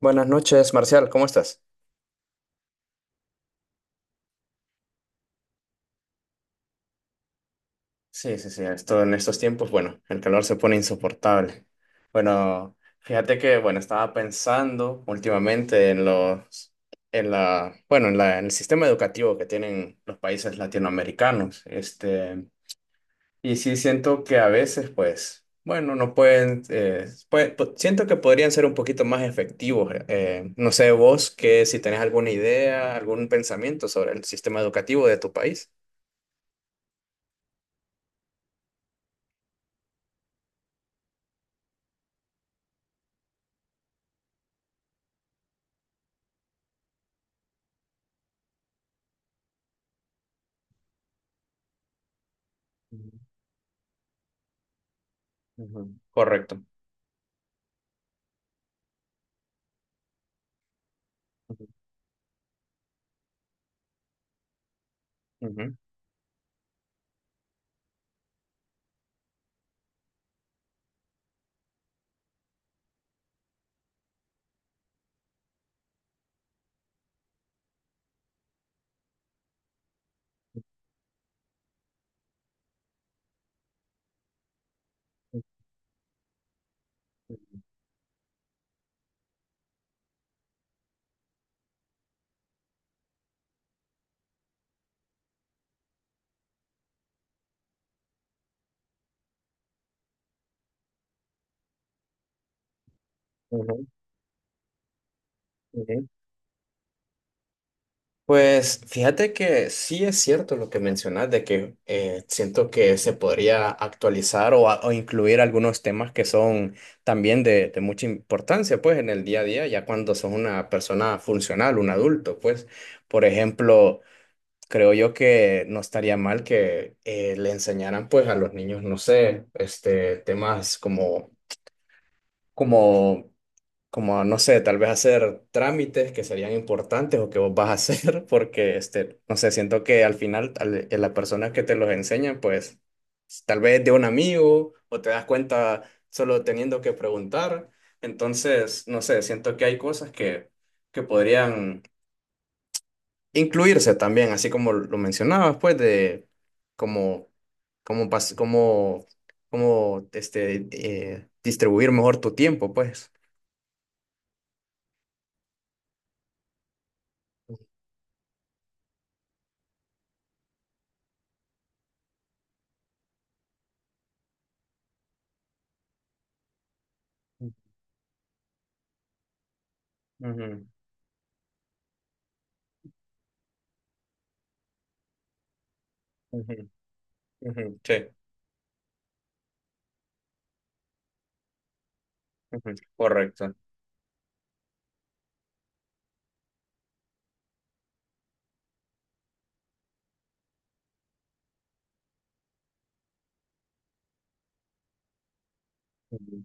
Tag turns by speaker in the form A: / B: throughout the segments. A: Buenas noches, Marcial, ¿cómo estás? Sí, sí, sí, esto en estos tiempos, bueno, el calor se pone insoportable. Bueno, fíjate que, bueno, estaba pensando últimamente en los, en la, bueno, en la, en el sistema educativo que tienen los países latinoamericanos. Y sí siento que a veces, pues, bueno, no pueden, siento que podrían ser un poquito más efectivos. No sé, vos, que si tenés alguna idea, algún pensamiento sobre el sistema educativo de tu país. Ujú, correcto. Ujú. Ujú. Ujú. Ujú. Pues fíjate que sí es cierto lo que mencionas de que siento que se podría actualizar o o incluir algunos temas que son también de mucha importancia pues en el día a día, ya cuando sos una persona funcional, un adulto, pues por ejemplo, creo yo que no estaría mal que le enseñaran pues a los niños, no sé, este, temas como... como como no sé, tal vez hacer trámites que serían importantes o que vos vas a hacer, porque, este, no sé, siento que al final, la persona que te los enseña, pues, tal vez de un amigo o te das cuenta solo teniendo que preguntar. Entonces, no sé, siento que hay cosas que podrían incluirse también, así como lo mencionabas, pues, de como, como, pas- como, como, este, distribuir mejor tu tiempo, pues. Ujú, ujú. Ujú, sí, ujú, correcto. Ujú,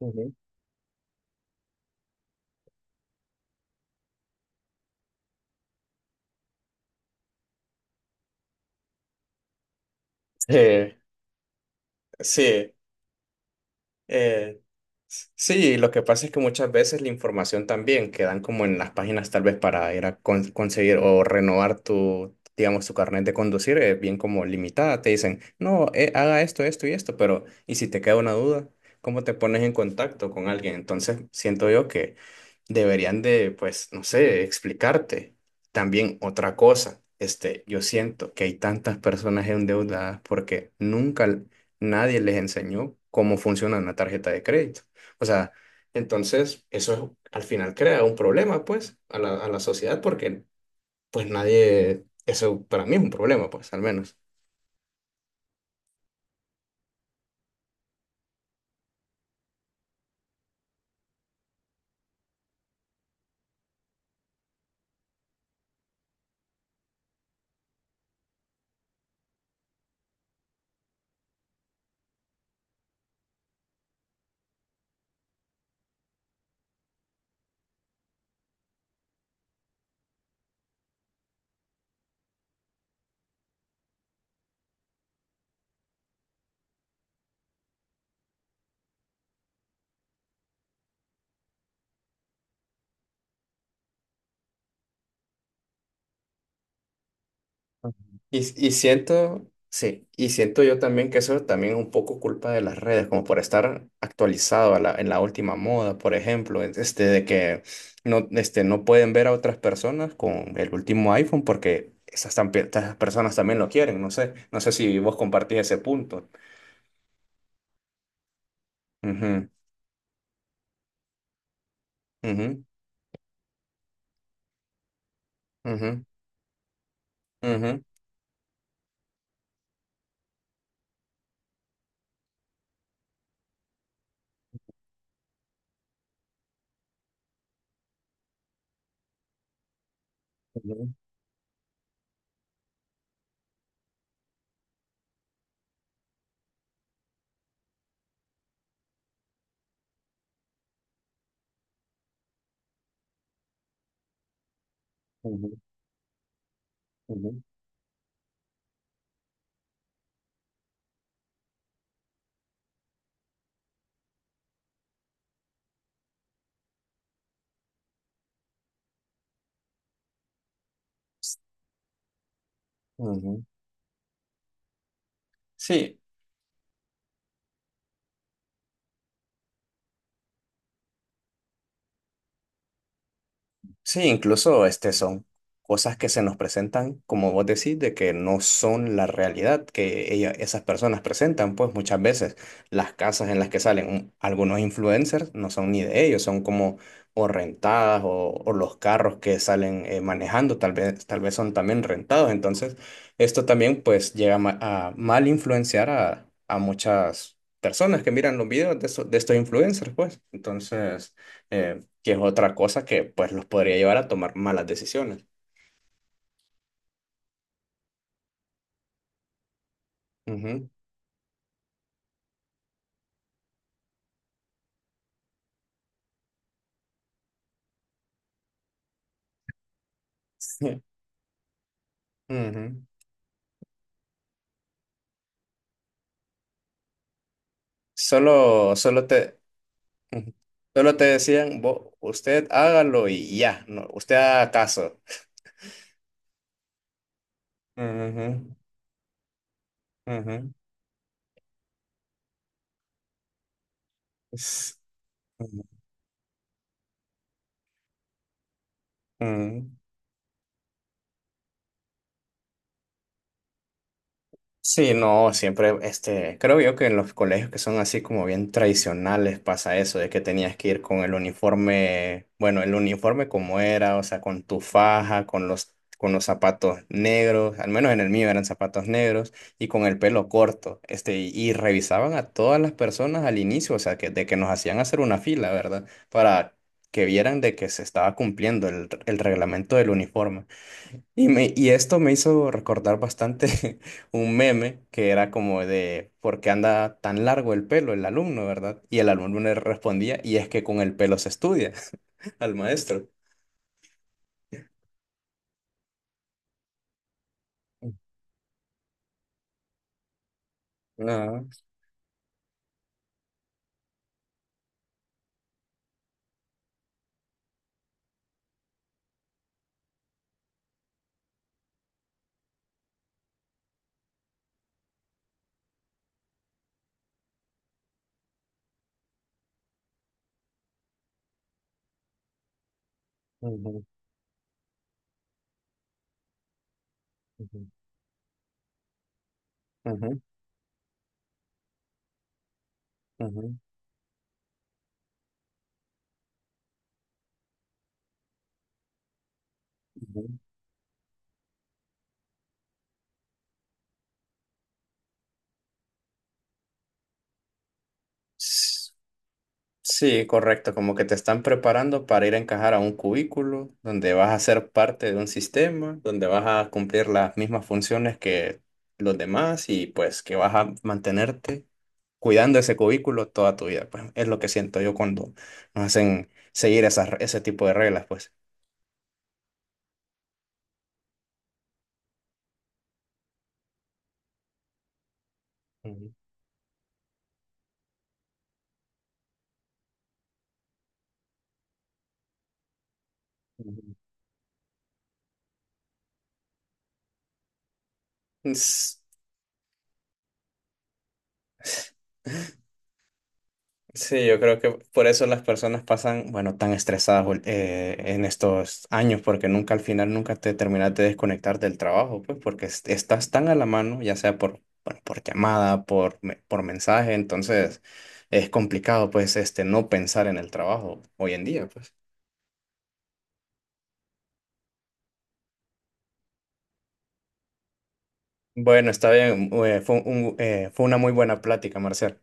A: ujú. Sí, sí. Eh, sí, lo que pasa es que muchas veces la información también quedan como en las páginas tal vez para ir a conseguir o renovar tu, digamos, tu carnet de conducir, es bien como limitada. Te dicen, no, haga esto, esto y esto, pero ¿y si te queda una duda? ¿Cómo te pones en contacto con alguien? Entonces, siento yo que deberían de, pues, no sé, explicarte. También otra cosa, este, yo siento que hay tantas personas endeudadas porque nunca nadie les enseñó cómo funciona una tarjeta de crédito. O sea, entonces eso al final crea un problema, pues, a la sociedad porque, pues, nadie, eso para mí es un problema, pues, al menos. Y, y siento, sí, y siento yo también que eso también es un poco culpa de las redes, como por estar actualizado a en la última moda, por ejemplo, este, de que no, este, no pueden ver a otras personas con el último iPhone porque estas personas también lo quieren, no sé, no sé si vos compartís ese punto. Ujú, ujú, ujú, ujú, ujú, ujú, ujú, ujú. Sí. Sí, incluso este son cosas que se nos presentan, como vos decís, de que no son la realidad que esas personas presentan, pues muchas veces las casas en las que salen algunos influencers no son ni de ellos, son como o rentadas o los carros que salen manejando, tal vez son también rentados. Entonces, esto también pues llega a, a mal influenciar a muchas personas que miran los videos de, de estos influencers, pues. Entonces eh, que es otra cosa que pues los podría llevar a tomar malas decisiones. Ujú. Sí. Ujú. Solo, solo te, ujú. Solo te decían, Usted hágalo y ya, no, usted haga caso." Ujú, ujú. S- Ujú, ujú. Sí, no, siempre, este, creo yo que en los colegios que son así como bien tradicionales pasa eso, de que tenías que ir con el uniforme, bueno, el uniforme como era, o sea, con tu faja, con con los zapatos negros, al menos en el mío eran zapatos negros, y con el pelo corto, este, y revisaban a todas las personas al inicio, o sea, que, de que nos hacían hacer una fila, ¿verdad? Para que vieran de que se estaba cumpliendo el reglamento del uniforme. Y esto me hizo recordar bastante un meme que era como de ¿por qué anda tan largo el pelo el alumno, verdad? Y el alumno le respondía, y es que con el pelo se estudia al maestro. Ah, ujú, ujú, ujú, ujú, ujú. Sí, correcto, como que te están preparando para ir a encajar a un cubículo donde vas a ser parte de un sistema, donde vas a cumplir las mismas funciones que los demás y pues que vas a mantenerte cuidando ese cubículo toda tu vida. Pues es lo que siento yo cuando nos hacen seguir esas, ese tipo de reglas, pues. Ujú, ujú. Es- Sí, yo creo que por eso las personas pasan, bueno, tan estresadas en estos años, porque nunca al final, nunca te terminas de desconectar del trabajo, pues porque estás tan a la mano, ya sea por, bueno, por llamada, por, por mensaje, entonces es complicado, pues, este, no pensar en el trabajo hoy en día, pues. Bueno, está bien, fue fue una muy buena plática, Marcial.